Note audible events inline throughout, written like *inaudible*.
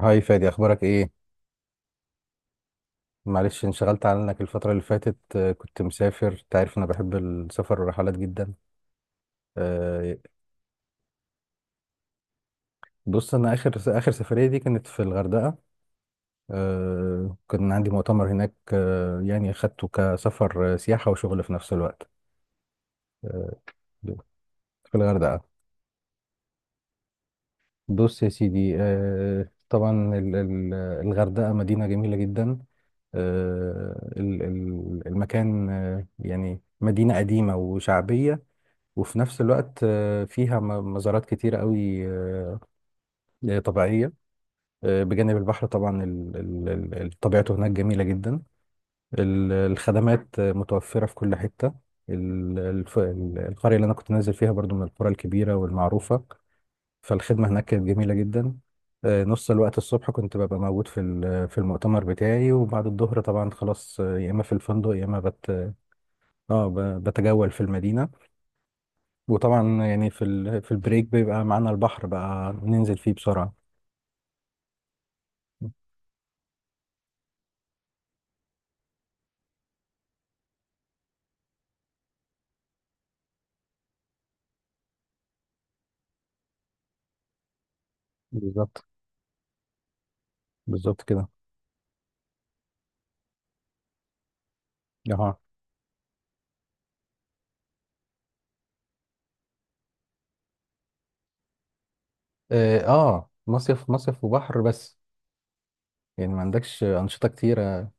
هاي فادي، اخبارك ايه؟ معلش انشغلت عنك الفترة اللي فاتت. كنت مسافر. انت عارف انا بحب السفر والرحلات جدا. آه، بص انا اخر سفرية دي كانت في الغردقة. كان عندي مؤتمر هناك، يعني اخدته كسفر، سياحة وشغل في نفس الوقت. آه، في الغردقة. بص يا سيدي، طبعا. ال- ال- الغردقة مدينة جميلة جدا. المكان، يعني مدينة قديمة وشعبية، وفي نفس الوقت فيها مزارات كتيرة قوي، طبيعية. بجانب البحر طبعا، طبيعته هناك جميلة جدا. الخدمات متوفرة في كل حتة. القرية اللي أنا كنت نازل فيها برضو من القرى الكبيرة والمعروفة، فالخدمة هناك كانت جميلة جدا. نص الوقت الصبح كنت ببقى موجود في في المؤتمر بتاعي، وبعد الظهر طبعا خلاص، يا إما في الفندق يا إما بتجول في المدينة. وطبعا يعني في البريك بيبقى معانا البحر، بقى ننزل فيه بسرعة. بالظبط، بالظبط كده. اها. اه، مصيف مصيف وبحر بس. يعني ما عندكش أنشطة كتيرة.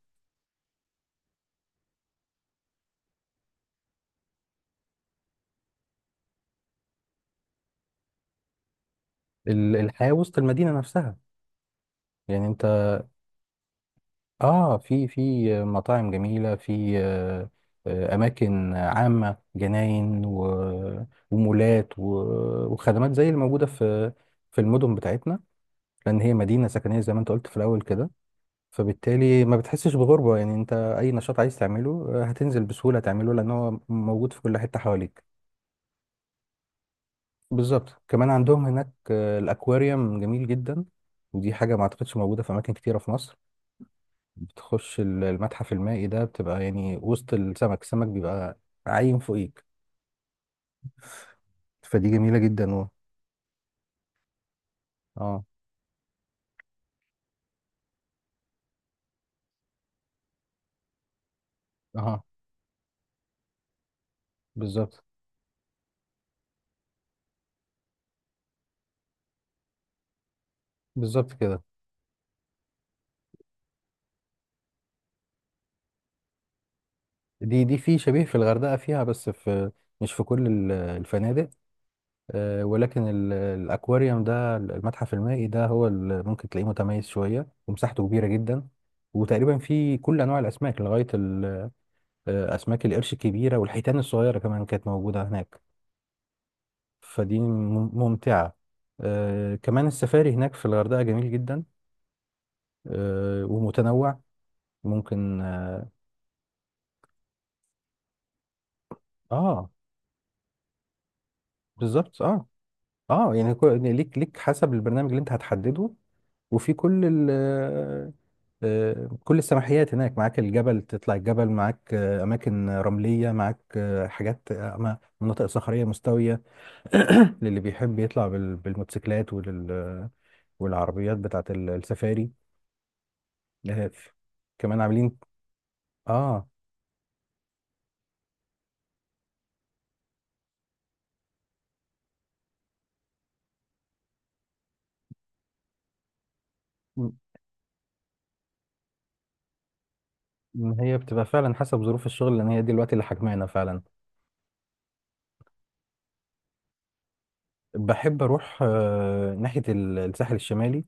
الحياة وسط المدينة نفسها، يعني انت، اه، في مطاعم جميلة في، أماكن عامة، جناين ومولات وخدمات زي اللي موجودة في المدن بتاعتنا، لأن هي مدينة سكنية زي ما انت قلت في الأول كده، فبالتالي ما بتحسش بغربة، يعني انت اي نشاط عايز تعمله هتنزل بسهولة تعمله، لان هو موجود في كل حتة حواليك. بالظبط، كمان عندهم هناك الاكواريوم جميل جدا، ودي حاجة ما اعتقدش موجودة في اماكن كتيرة في مصر. بتخش المتحف المائي ده، بتبقى يعني وسط السمك، السمك بيبقى عايم فوقيك، فدي جميلة جدا اه، اه، بالظبط، بالظبط كده. دي في شبيه في الغردقة، فيها بس في، مش في كل الفنادق. ولكن الأكواريوم ده، المتحف المائي ده، هو اللي ممكن تلاقيه متميز شوية، ومساحته كبيرة جدا، وتقريبا فيه كل أنواع الأسماك لغاية أسماك القرش الكبيرة، والحيتان الصغيرة كمان كانت موجودة هناك. فدي ممتعة. كمان السفاري هناك في الغردقة جميل جدا، ومتنوع. ممكن اه. آه، بالظبط اه. اه يعني ليك حسب البرنامج اللي انت هتحدده، وفي كل ال آه، كل السماحيات هناك معاك، الجبل تطلع الجبل معاك، أماكن رملية معاك، حاجات، مناطق صخرية مستوية. *clears throat* للي بيحب يطلع بالموتوسيكلات والعربيات بتاعت السفاري. آه، ف- كمان عاملين. اه، م- هي بتبقى فعلا حسب ظروف الشغل، لأن هي دي الوقت اللي حجمانا فعلا. بحب أروح ناحية الساحل الشمالي،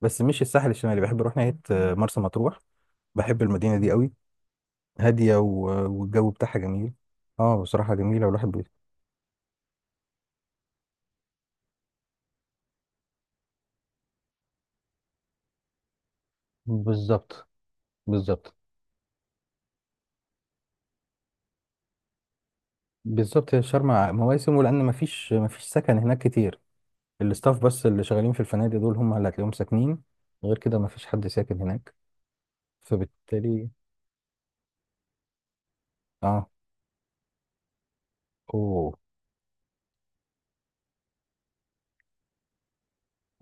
بس مش الساحل الشمالي، بحب أروح ناحية مرسى مطروح، بحب المدينة دي قوي. هادية والجو بتاعها جميل. اه بصراحة جميلة، والواحد بي... بالظبط، بالظبط، بالظبط، هي شرم مواسم، ولأن مفيش سكن هناك كتير. الاستاف بس اللي شغالين في الفنادق دول، هم اللي هتلاقيهم ساكنين، غير كده مفيش حد ساكن هناك، فبالتالي... اه. اوه.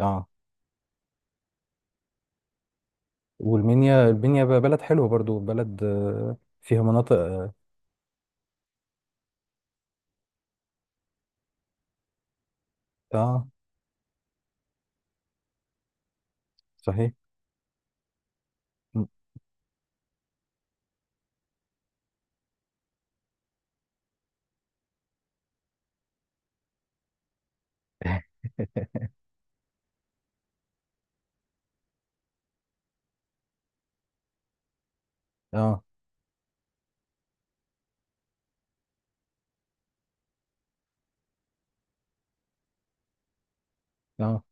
اه. والمنيا المنيا بقى بلد حلوة برضو، بلد فيها مناطق اه، آه، صحيح. م- *laughs* اه، اه.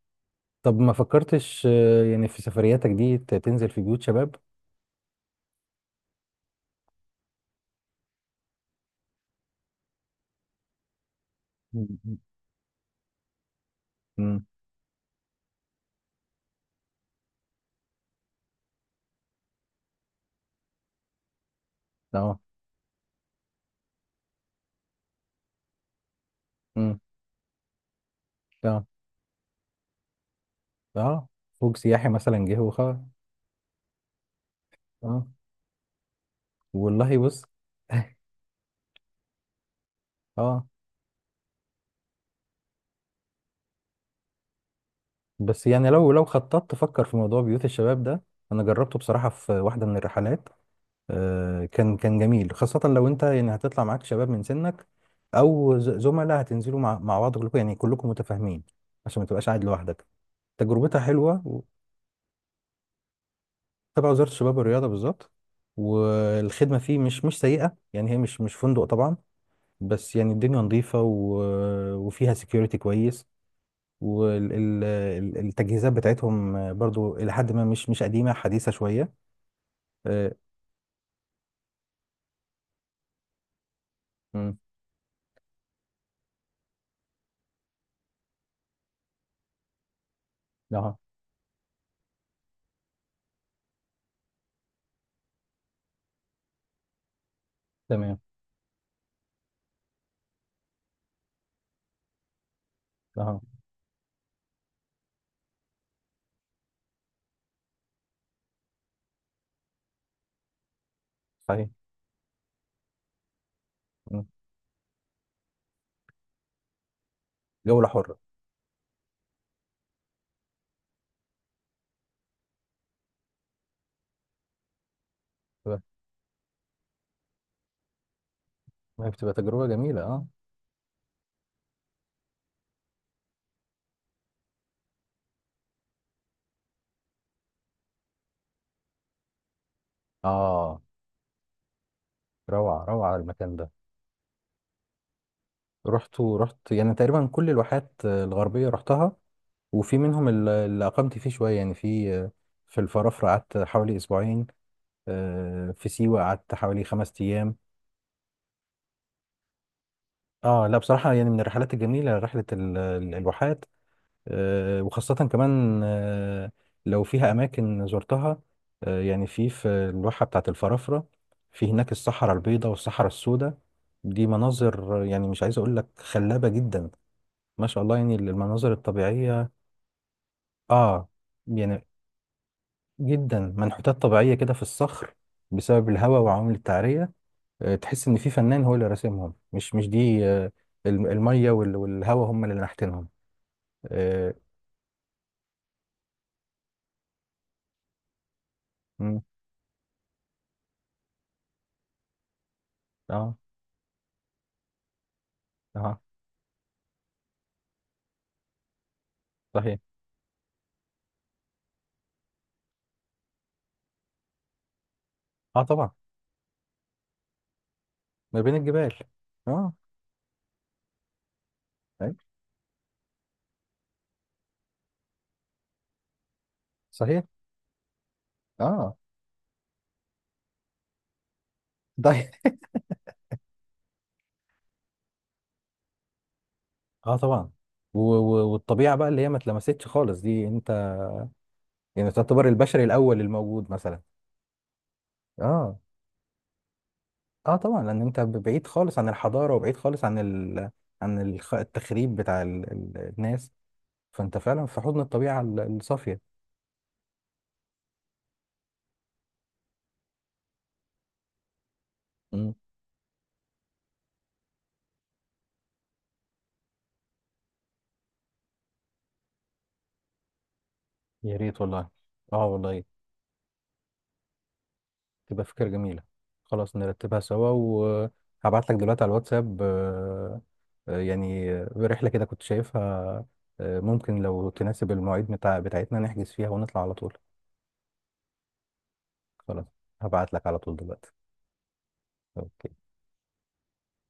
طب، ما فكرتش يعني في سفرياتك دي تنزل في بيوت شباب؟ م- م- اه، امم اه، اه، فوق سياحي مثلا جه وخلاص. اه والله، بص. اه. بس يعني لو خططت، تفكر في موضوع بيوت الشباب ده، انا جربته بصراحة في واحدة من الرحلات. آه، كان جميل، خاصة لو انت يعني هتطلع معاك شباب من سنك، او زملاء هتنزلوا مع بعض، كلكم يعني كلكم متفاهمين، عشان ما تبقاش قاعد لوحدك. تجربتها حلوة تبع وزارة الشباب والرياضة بالظبط. والخدمة فيه مش سيئة، يعني هي مش فندق طبعا، بس يعني الدنيا نظيفة وفيها سكيورتي كويس، والتجهيزات بتاعتهم برضو إلى حد ما مش قديمة، حديثة شوية. آه، مم. أها. تمام. أها. صحيح. مم. جولة حرة. تمام. ما هي بتبقى تجربة جميلة أه. أه، روعة روعة المكان ده. رحت ورحت يعني تقريبا كل الواحات الغربية رحتها، وفي منهم اللي أقمت فيه شوية، يعني في في الفرافرة قعدت حوالي أسبوعين، في سيوة قعدت حوالي 5 أيام. اه لا بصراحة، يعني من الرحلات الجميلة رحلة الواحات، وخاصة كمان، لو فيها أماكن زرتها، يعني في الواحة بتاعة الفرافرة. في هناك الصحراء البيضاء والصحراء السوداء، دي مناظر يعني مش عايز أقول لك خلابة جدا، ما شاء الله يعني المناظر الطبيعية. اه، يعني جدا منحوتات طبيعية كده في الصخر، بسبب الهواء وعوامل التعرية، تحس إن في فنان هو اللي راسمهم، مش دي المية والهواء هم اللي نحتينهم. اه، مم، اه، اه، صحيح، اه طبعا. ما بين الجبال. اه، أي، صحيح اه طيب. *laughs* اه طبعا، و و والطبيعه بقى اللي هي ما اتلمستش خالص، دي انت يعني تعتبر البشري الاول الموجود مثلا. اه، اه طبعا، لان انت بعيد خالص عن الحضاره، وبعيد خالص عن ال عن التخريب بتاع ال ال الناس، فانت فعلا في حضن الطبيعه الصافيه. مم. يا ريت والله. اه والله، تبقى فكرة جميلة. خلاص، نرتبها سوا، وهبعت لك دلوقتي على الواتساب. يعني رحلة كده كنت شايفها، ممكن لو تناسب المواعيد بتاعتنا نحجز فيها ونطلع على طول. خلاص، هبعت لك على طول دلوقتي. أوكي.